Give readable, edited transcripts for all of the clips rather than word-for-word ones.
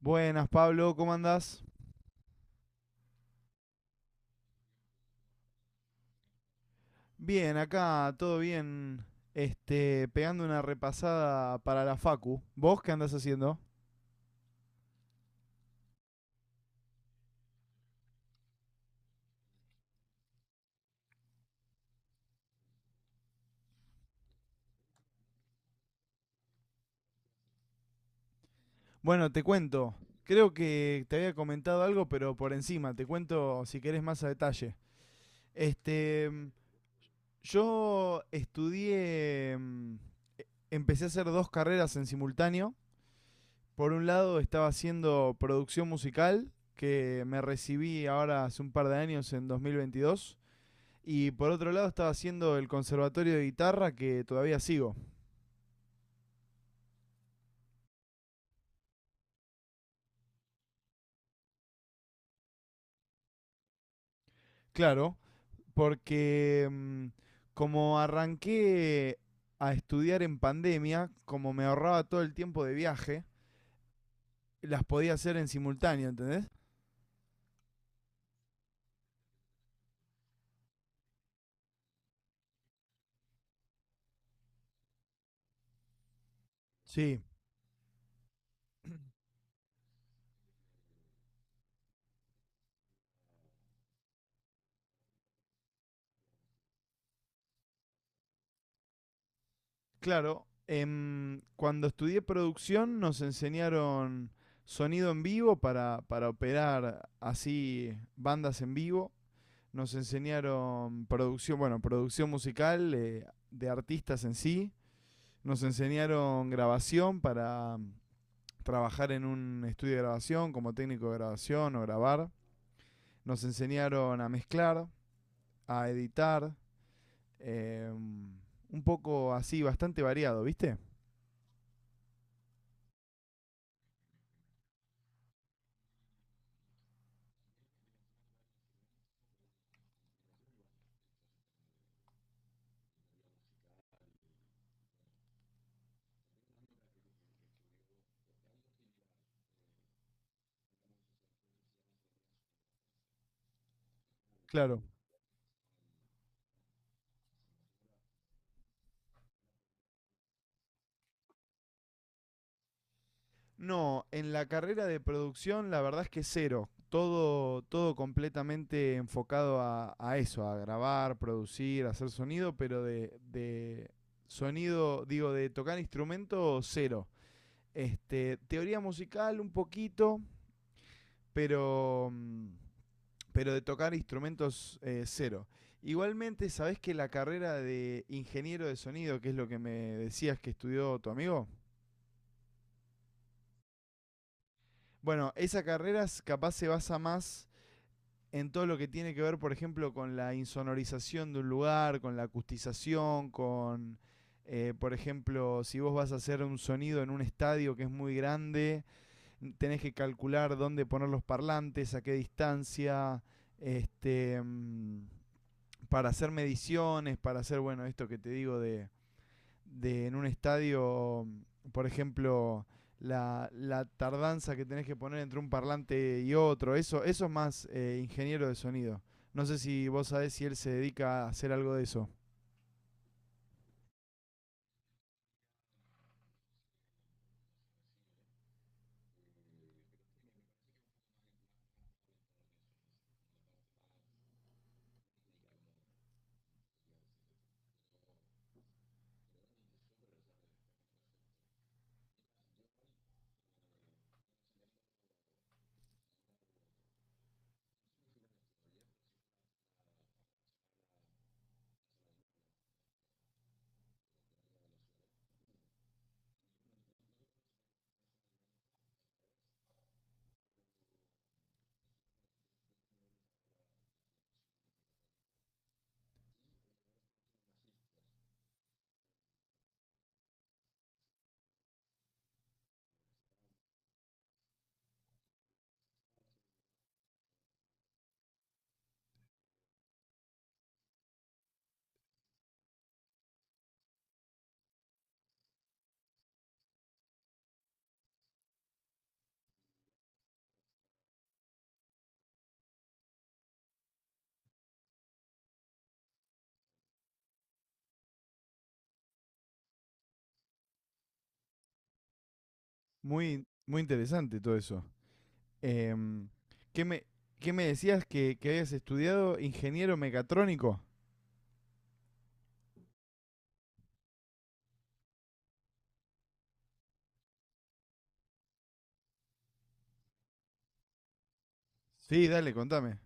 Buenas, Pablo, ¿cómo andás? Bien, acá todo bien. Este, pegando una repasada para la Facu. ¿Vos qué andás haciendo? Bueno, te cuento. Creo que te había comentado algo, pero por encima, te cuento si querés más a detalle. Este, yo estudié, empecé a hacer dos carreras en simultáneo. Por un lado estaba haciendo producción musical, que me recibí ahora hace un par de años en 2022. Y por otro lado estaba haciendo el conservatorio de guitarra que todavía sigo. Claro, porque como arranqué a estudiar en pandemia, como me ahorraba todo el tiempo de viaje, las podía hacer en simultáneo, ¿entendés? Sí, claro. Cuando estudié producción nos enseñaron sonido en vivo para operar así bandas en vivo. Nos enseñaron producción, bueno, producción musical de artistas en sí. Nos enseñaron grabación para trabajar en un estudio de grabación como técnico de grabación o grabar. Nos enseñaron a mezclar, a editar, un poco así, bastante variado, ¿viste? Claro. No, en la carrera de producción la verdad es que cero. Todo, todo completamente enfocado a eso, a grabar, producir, hacer sonido, pero de sonido, digo, de tocar instrumento, cero. Este, teoría musical un poquito, pero, pero de tocar instrumentos cero. Igualmente, ¿sabés que la carrera de ingeniero de sonido, que es lo que me decías que estudió tu amigo? Bueno, esa carrera s- capaz se basa más en todo lo que tiene que ver, por ejemplo, con la insonorización de un lugar, con la acustización, con, por ejemplo, si vos vas a hacer un sonido en un estadio que es muy grande, tenés que calcular dónde poner los parlantes, a qué distancia, este, para hacer mediciones, para hacer, bueno, esto que te digo de en un estadio, por ejemplo, la tardanza que tenés que poner entre un parlante y otro, eso es más ingeniero de sonido. No sé si vos sabés si él se dedica a hacer algo de eso. Muy, muy interesante todo eso. Em, ¿qué, me, ¿Qué me decías que habías estudiado ingeniero mecatrónico? Sí, dale, contame.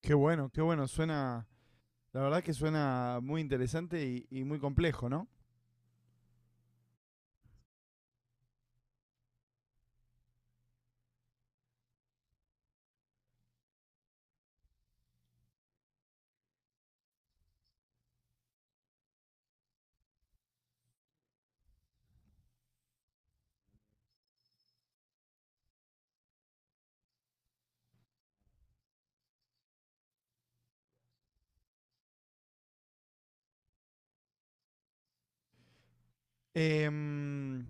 Qué bueno, qué bueno. Suena, la verdad que suena muy interesante y muy complejo, ¿no? Em,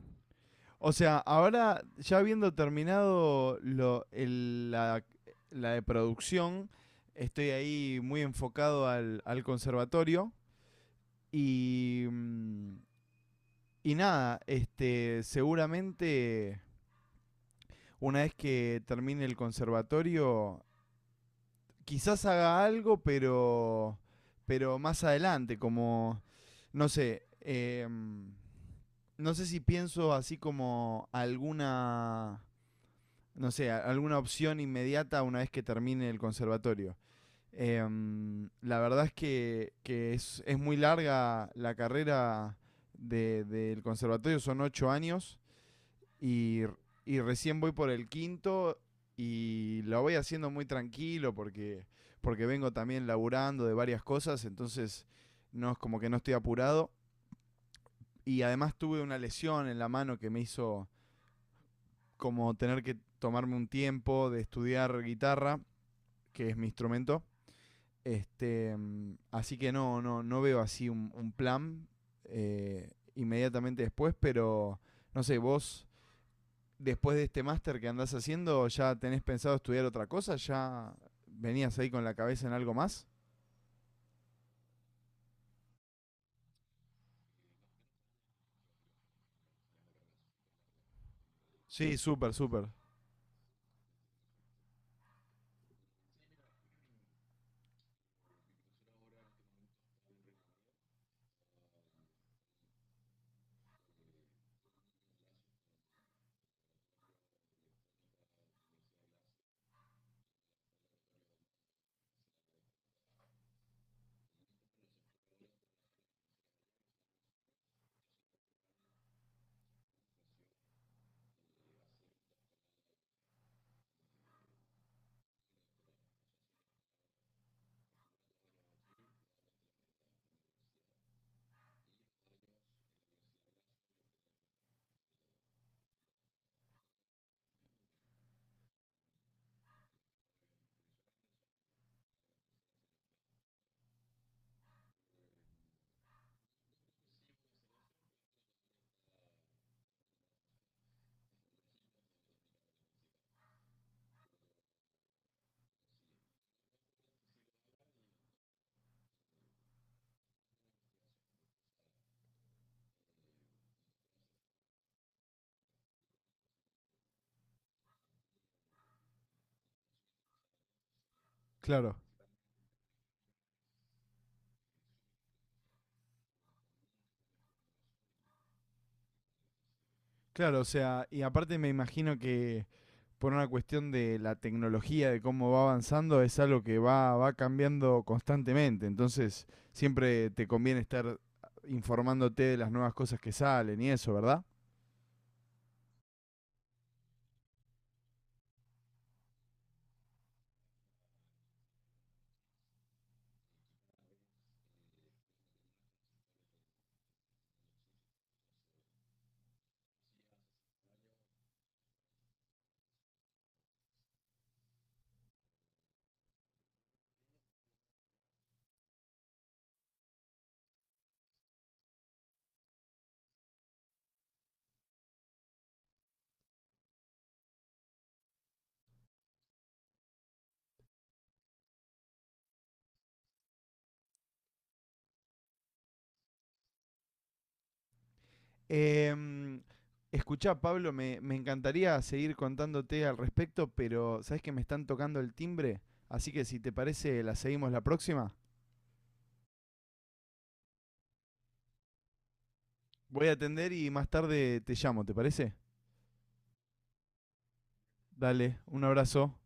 o sea, ahora ya habiendo terminado la de producción, estoy ahí muy enfocado al, al conservatorio y, y nada, este, seguramente una vez que termine el conservatorio quizás haga algo, pero más adelante, como, no sé, no sé si pienso así como alguna, no sé, alguna opción inmediata una vez que termine el conservatorio. Em, la verdad es que es muy larga la carrera del conservatorio, son 8 años y, y recién voy por el quinto y lo voy haciendo muy tranquilo porque, porque vengo también laburando de varias cosas, entonces no es como que no estoy apurado. Y además tuve una lesión en la mano que me hizo como tener que tomarme un tiempo de estudiar guitarra, que es mi instrumento. Este, así que no, no, no veo así un plan inmediatamente después, pero no sé, vos después de este máster que andás haciendo, ¿ya tenés pensado estudiar otra cosa? ¿Ya venías ahí con la cabeza en algo más? Sí, súper, súper. Claro, claro, o sea, y aparte me imagino que por una cuestión de la tecnología, de cómo va avanzando, es algo que va, va cambiando constantemente. Entonces, siempre te conviene estar informándote de las nuevas cosas que salen y eso, ¿verdad? Em, escuchá, Pablo, me encantaría seguir contándote al respecto, pero sabes que me están tocando el timbre, así que si te parece, la seguimos la próxima. Voy a atender y más tarde te llamo, ¿te parece? Dale, un abrazo.